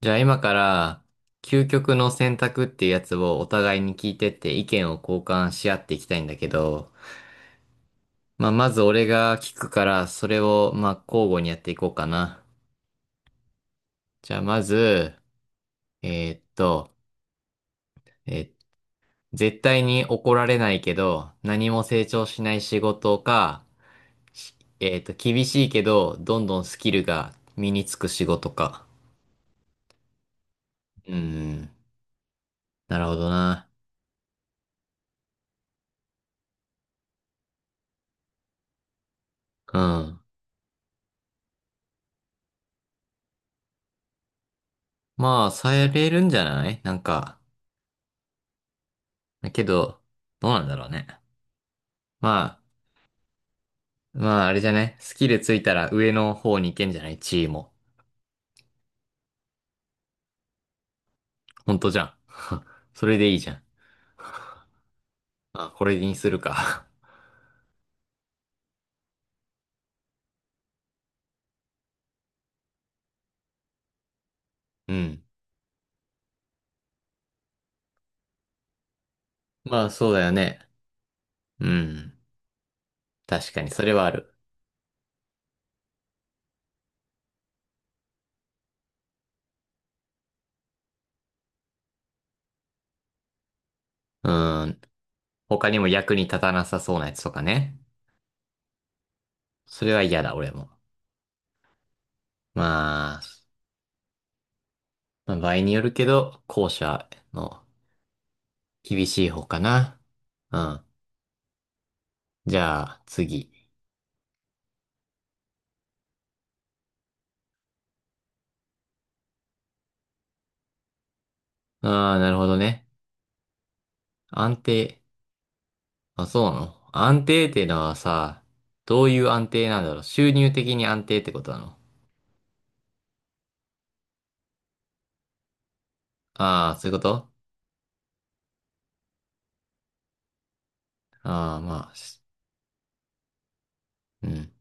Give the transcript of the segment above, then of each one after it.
じゃあ今から究極の選択っていうやつをお互いに聞いてって意見を交換し合っていきたいんだけど、まあまず俺が聞くからそれをまあ交互にやっていこうかな。じゃあまず、えーっと、えー絶対に怒られないけど何も成長しない仕事か、し厳しいけどどんどんスキルが身につく仕事か。うん、なるほどな。うん。まあ、されるんじゃないなんか。だけど、どうなんだろうね。ままあ、あれじゃね。スキルついたら上の方に行けんじゃない地位も。ほんとじゃん。それでいいじゃん。まあ、これにするか。うん。まあ、そうだよね。うん。確かに、それはある。うん。他にも役に立たなさそうなやつとかね。それは嫌だ、俺も。まあ、まあ場合によるけど、後者の厳しい方かな。うん。じゃあ、次。ああ、なるほどね。安定。あ、そうなの、安定っていうのはさ、どういう安定なんだろう、収入的に安定ってことなの？ああー、そういうこと。ああー、まあ、しうん。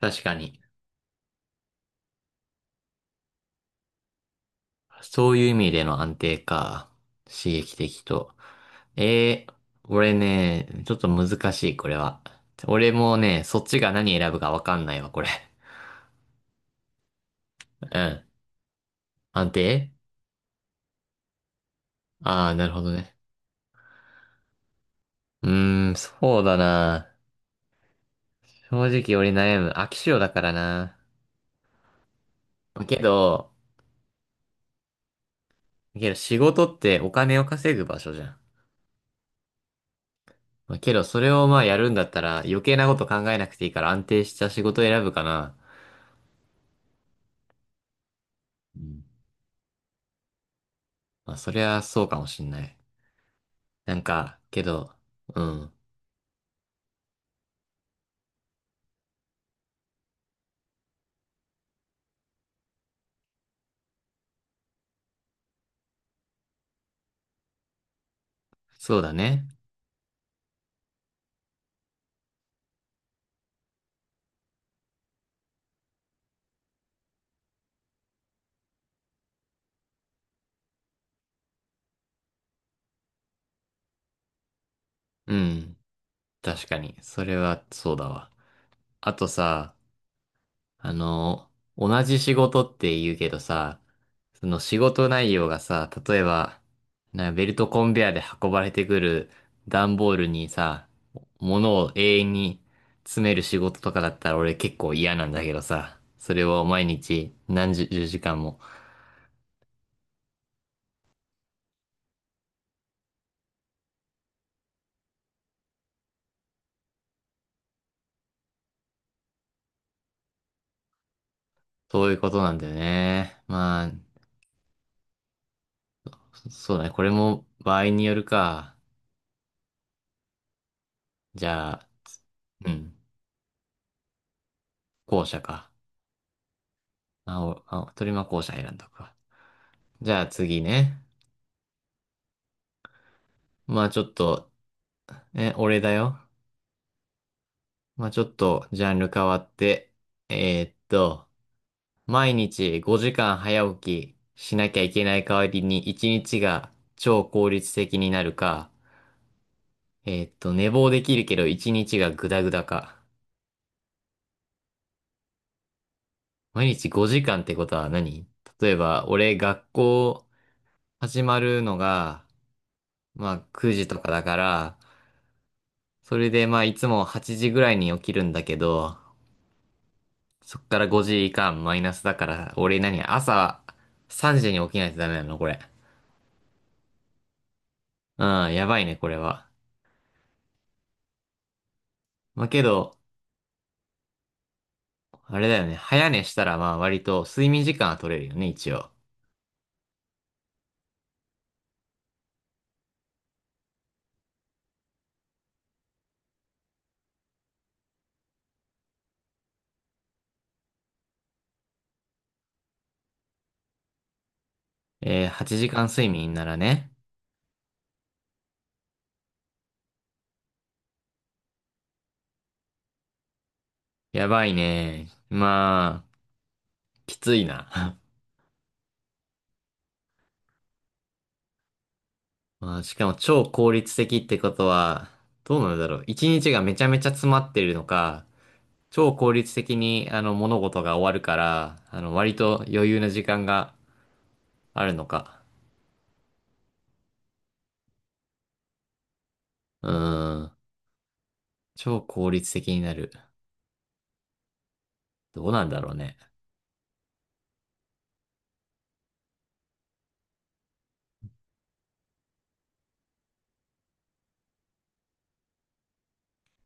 確かに。そういう意味での安定か。刺激的と。えー、俺ね、ちょっと難しい、これは。俺もね、そっちが何選ぶかわかんないわ、これ。うん。安定。ああー、なるほどね。うーん、そうだな。正直俺悩む。飽き性だからな。けど、けど仕事ってお金を稼ぐ場所じゃん。まあ、けどそれをまあやるんだったら余計なこと考えなくていいから安定した仕事を選ぶかな。うん。まあそりゃそうかもしんない。なんか、けど、うん。そうだね。うん。確かに。それはそうだわ。あとさ、あの、同じ仕事って言うけどさ、その仕事内容がさ、例えば、ベルトコンベヤーで運ばれてくる段ボールにさ、物を永遠に詰める仕事とかだったら俺結構嫌なんだけどさ、それを毎日何十時間も、そういうことなんだよね。まあ、そうだね。これも場合によるか。じゃあ、うん、後者か。あ、鳥間後者選んだか。じゃあ次ね。まあちょっとえ、俺だよ。まあ、ちょっとジャンル変わって、えーっと、毎日5時間早起きしなきゃいけない代わりに1日が超効率的になるか、えーっと、寝坊できるけど1日がグダグダか。毎日5時間ってことは何？例えば、俺学校始まるのが、まあ9時とかだから、それでまあいつも8時ぐらいに起きるんだけど、そっから5時間マイナスだから、俺何朝3時に起きないとダメなのこれ。うん、やばいね、これは。まあ、けど、あれだよね。早寝したらまあ割と睡眠時間は取れるよね、一応。えー、8時間睡眠ならね。やばいね。まあ、きついな。まあ、しかも超効率的ってことは、どうなんだろう。一日がめちゃめちゃ詰まってるのか、超効率的にあの物事が終わるから、あの割と余裕な時間があるのか。うん。超効率的になる。どうなんだろうね。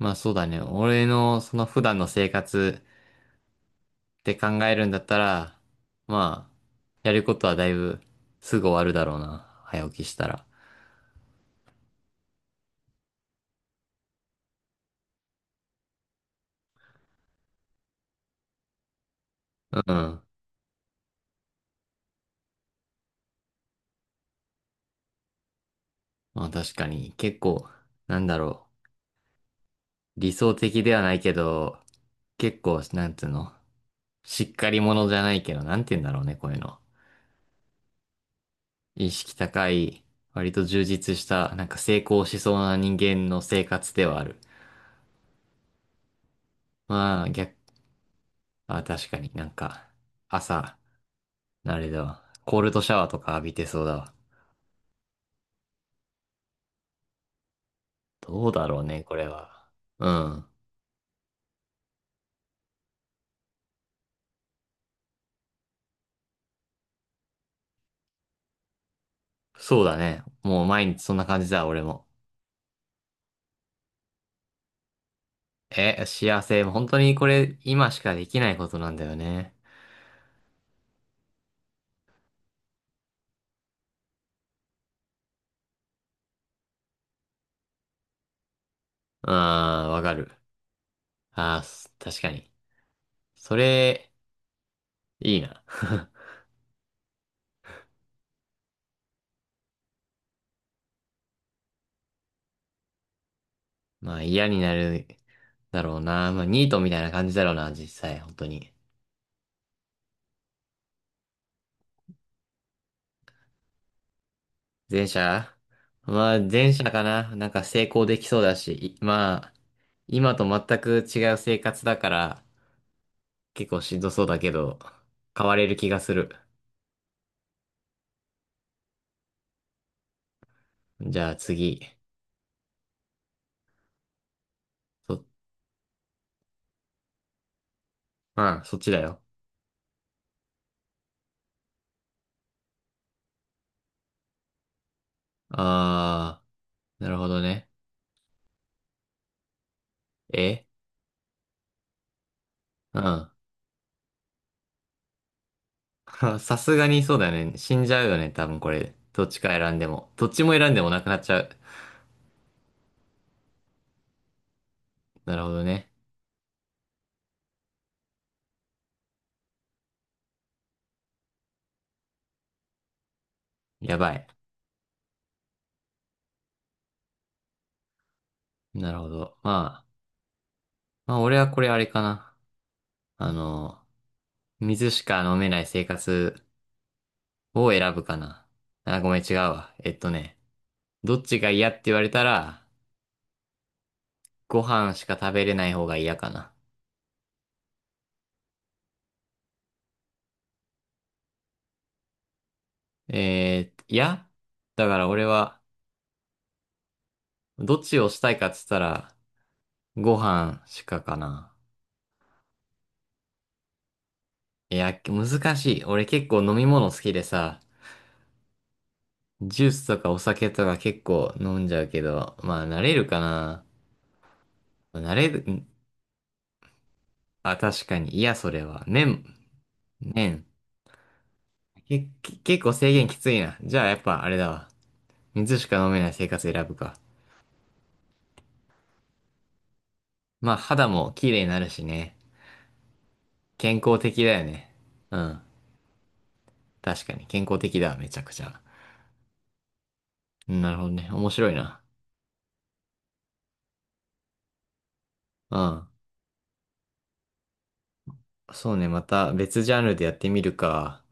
まあそうだね。俺のその普段の生活って考えるんだったら、まあ、やることはだいぶすぐ終わるだろうな。早起きしたら。うん。まあ確かに結構、なんだろう。理想的ではないけど、結構、なんつうの。しっかり者じゃないけど、なんて言うんだろうね、こういうの。意識高い、割と充実した、なんか成功しそうな人間の生活ではある。まあ逆あ、確かになんか、朝、あれだわ。コールドシャワーとか浴びてそうだわ。どうだろうね、これは。うん。そうだね。もう毎日そんな感じだ、俺も。え、幸せ。本当にこれ、今しかできないことなんだよね。うん、わかる。確かに。それ、いいな。まあ嫌になるだろうな。まあニートみたいな感じだろうな、実際、本当に。前者まあ、前者かな。なんか成功できそうだし、いまあ、今と全く違う生活だから、結構しんどそうだけど、変われる気がする。じゃあ次。そ、うん、そっちだよ。あー、なるほどね。えうん。さすがにそうだよね。死んじゃうよね、多分これ。どっちか選んでも。どっちも選んでもなくなっちゃう。なるほどね。やばい。なるほど。まあ、まあ俺はこれあれかな。あの、水しか飲めない生活を選ぶかな。あ、ごめん、違うわ。えっとね、どっちが嫌って言われたら、ご飯しか食べれない方が嫌かな。えー、いや、だから俺は、どっちをしたいかっつったら、ご飯しかかな。いや、難しい。俺結構飲み物好きでさ、ジュースとかお酒とか結構飲んじゃうけど、まあ慣れるかな。慣れる、んあ、確かに。いや、それは。麺。結構制限きついな。じゃあやっぱあれだわ。水しか飲めない生活選ぶか。まあ肌も綺麗になるしね。健康的だよね。うん。確かに健康的だわ、めちゃくちゃ。うんなるほどね。面白いな。うん。そうね、また別ジャンルでやってみるか。